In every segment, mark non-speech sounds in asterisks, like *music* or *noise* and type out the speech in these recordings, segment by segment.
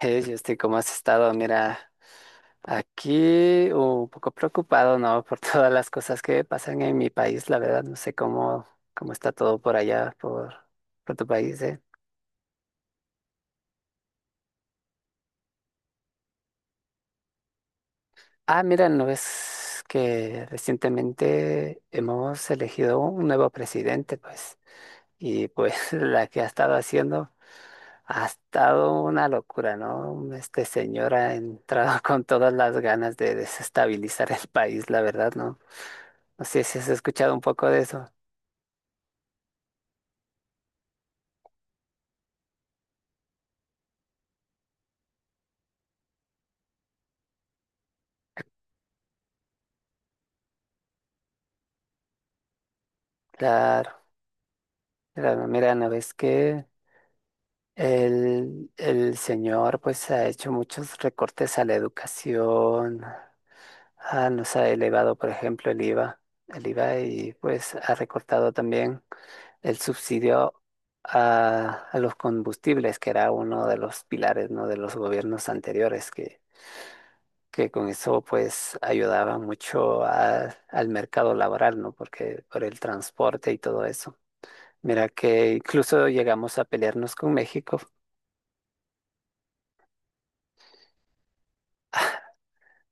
Hey, Justin, ¿cómo has estado? Mira, aquí un poco preocupado, ¿no? *laughs* Por todas las cosas que pasan en mi país, la verdad, no sé cómo está todo por allá, por tu país, Ah, mira, ¿no ves que recientemente hemos elegido un nuevo presidente, pues? Y pues *laughs* la que ha estado haciendo ha estado una locura, ¿no? Este señor ha entrado *laughs* con todas las ganas de desestabilizar el país, la verdad, ¿no? No sé si has escuchado un poco de eso. Claro, mira, no ves que el señor pues ha hecho muchos recortes a la educación, nos ha elevado por ejemplo el IVA, el IVA, y pues ha recortado también el subsidio a los combustibles, que era uno de los pilares, ¿no?, de los gobiernos anteriores que con eso pues ayudaba mucho a- al mercado laboral, ¿no?, porque por el transporte y todo eso. Mira que incluso llegamos a pelearnos con México.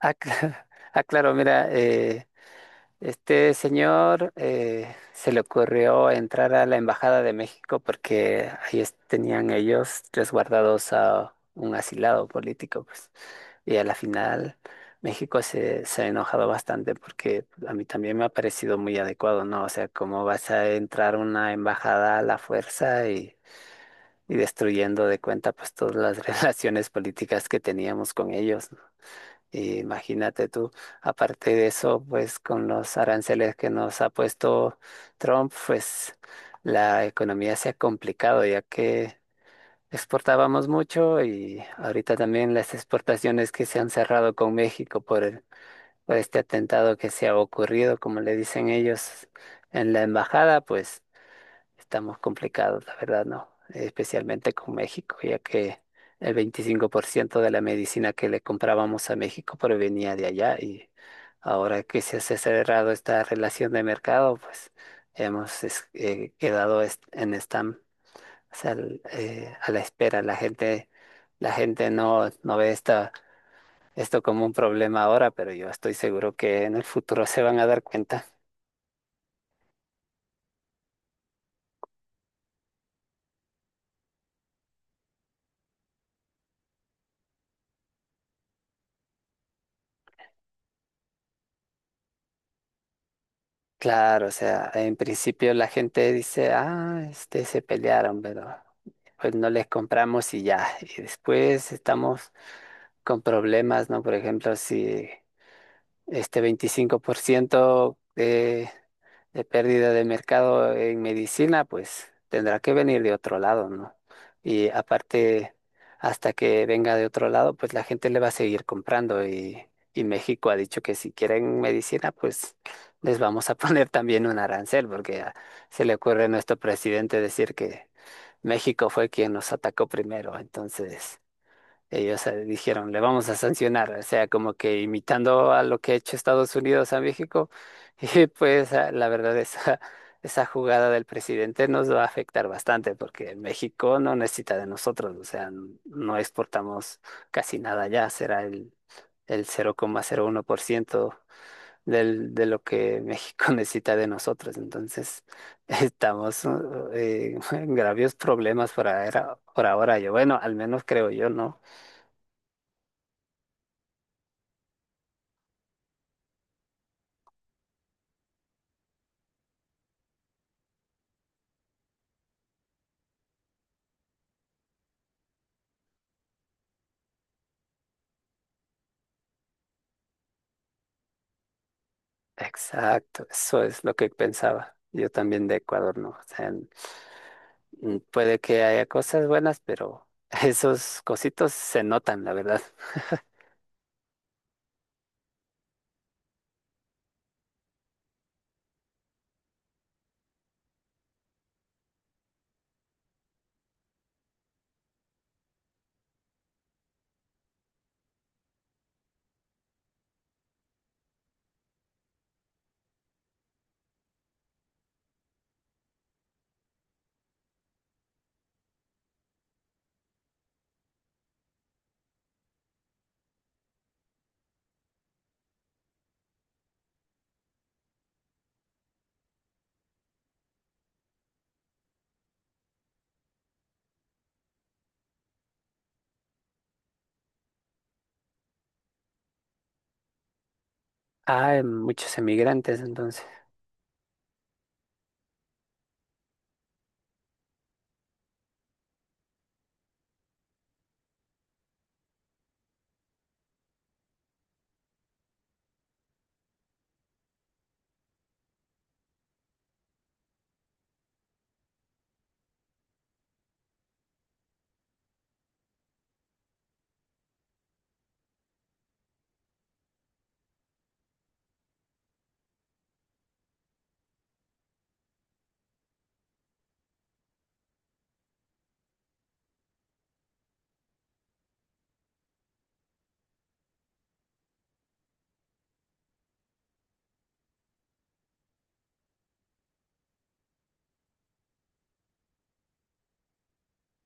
Ah, *laughs* ah, claro, mira, este señor se le ocurrió entrar a la Embajada de México porque ahí es- tenían ellos resguardados a un asilado político, pues. Y a la final México se ha enojado bastante, porque a mí también me ha parecido muy adecuado, ¿no? O sea, ¿cómo vas a entrar a una embajada a la fuerza y destruyendo de cuenta pues todas las *laughs* relaciones políticas que teníamos con ellos, ¿no? Y imagínate tú, aparte de eso, pues con los aranceles que nos ha puesto Trump, pues la economía se ha complicado, ya que exportábamos mucho y ahorita también las exportaciones que se han cerrado con México por el- por este atentado que se ha ocurrido, como le dicen ellos, en la embajada, pues estamos complicados, la verdad, ¿no? Especialmente con México, ya que el 25% de la medicina que le comprábamos a México provenía de allá, y ahora que se ha cerrado esta relación de mercado, pues hemos es- quedado est- en stand, o sea, l- a la espera. La gente no, no ve esto como un problema ahora, pero yo estoy seguro que en el futuro se van a dar cuenta. Claro, o sea, en principio la gente dice, ah, este, se pelearon, pero pues no les compramos y ya. Y después estamos con problemas, ¿no? Por ejemplo, si este 25% de pérdida de mercado en medicina, pues tendrá que venir de otro lado, ¿no? Y aparte, hasta que venga de otro lado, pues la gente le va a seguir comprando y México ha dicho que si quieren medicina, pues les vamos a *laughs* poner también un arancel, porque a- se le ocurre a nuestro presidente decir que México fue quien nos atacó primero, entonces... Ellos dijeron, le vamos a sancionar, o sea, como que imitando a lo que ha hecho Estados Unidos a México. *laughs* Y pues la verdad, esa jugada del presidente nos va a afectar bastante, porque México no necesita de nosotros, o sea, no exportamos casi nada ya, será el 0,01% de lo que México *laughs* necesita de nosotros. Entonces, *laughs* estamos *laughs* en graves problemas por ahora, yo, bueno, al menos creo yo, ¿no? Exacto, eso es lo que pensaba. Yo también de Ecuador no. O sea, puede que haya cosas buenas, pero *laughs* esos cositos se notan, la verdad. *laughs* Ah, muchos emigrantes, entonces.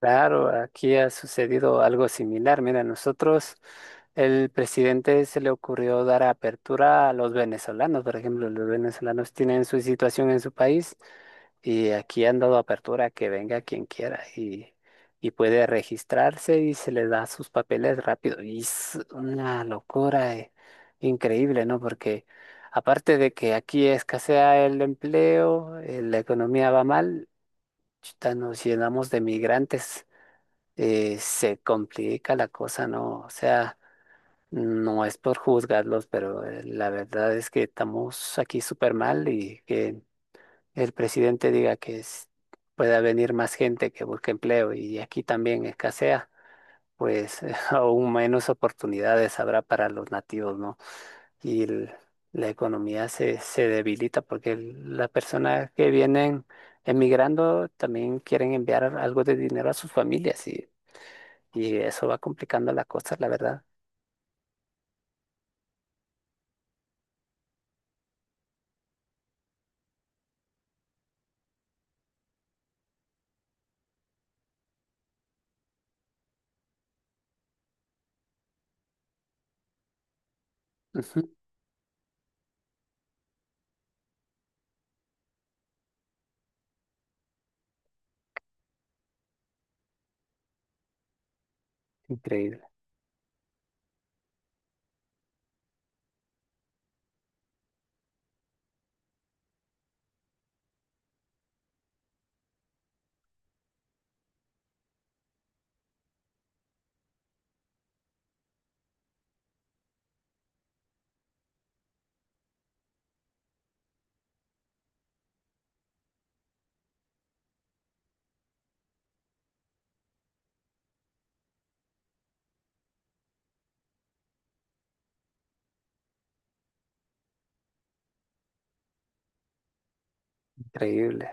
Claro, aquí ha sucedido algo similar. Mira, nosotros, el presidente se le ocurrió dar apertura a los venezolanos. Por ejemplo, los venezolanos tienen su situación en su país, y aquí han dado apertura a que venga quien quiera, y puede registrarse y se le da sus papeles rápido. Y es una locura, increíble, ¿no? Porque aparte de que aquí escasea el empleo, la economía va mal, chuta, nos llenamos de migrantes, se complica la cosa, ¿no? O sea, no es por juzgarlos, pero la verdad es que estamos aquí súper mal, y que el presidente diga que es- pueda venir más gente que busque empleo y aquí también escasea, pues *laughs* aún menos oportunidades habrá para los nativos, ¿no? Y el- la economía se debilita porque el- las personas que vienen emigrando también quieren enviar algo de dinero a sus familias, y eso va complicando la cosa, la verdad. Ujú. Increíble, increíble.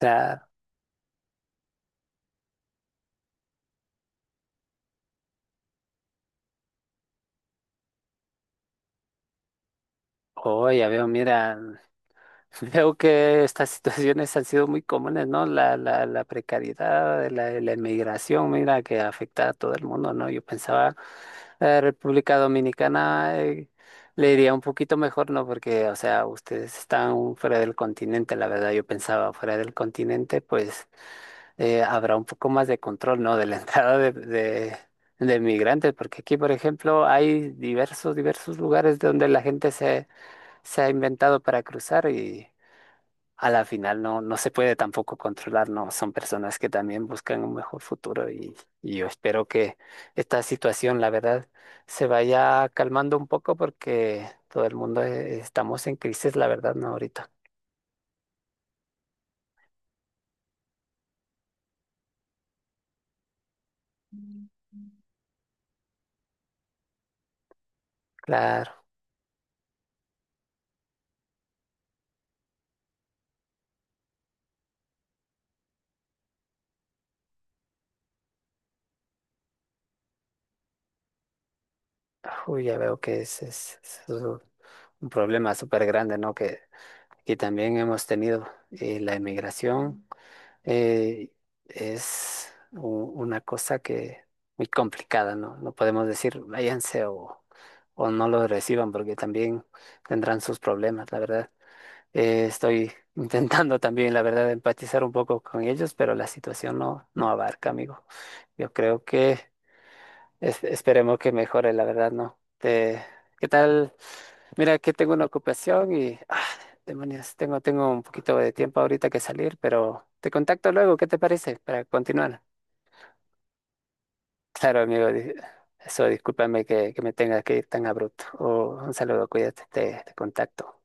O sea, oh, ya veo, mira, *laughs* veo que estas situaciones han sido muy comunes, ¿no? La precariedad, la inmigración, mira, que afecta a todo el mundo, ¿no? Yo pensaba, la República Dominicana, le iría un poquito mejor, ¿no? Porque, o sea, ustedes están fuera del continente, la verdad, yo pensaba, fuera del continente, pues... habrá un poco más de control, ¿no?, de la *laughs* entrada de migrantes, porque aquí, por ejemplo, hay diversos lugares donde la gente se ha inventado para cruzar, y a la final no, no se puede tampoco controlar, ¿no? Son personas que también buscan un mejor futuro, y yo espero que esta situación, la verdad, se vaya calmando un poco, porque todo el mundo estamos en crisis, la verdad, ¿no? Ahorita. Claro, uy, ya veo que es es un problema súper grande, ¿no? Que y también hemos tenido la emigración. eh, es una cosa que muy complicada, ¿no? No podemos decir váyanse o no los reciban, porque también tendrán sus problemas, la verdad. Estoy *laughs* intentando también, la verdad, empatizar un poco con ellos, pero la situación no, no abarca, amigo. Yo creo que es- esperemos que mejore, la verdad, ¿no? Te- ¿qué tal? Mira, que tengo una ocupación ah, demonios, tengo un poquito de tiempo ahorita que salir, pero te contacto luego, ¿qué te parece? Para continuar. Claro, amigo, eso, discúlpame que me tenga que ir tan abrupto. Oh, un saludo, cuídate, te contacto.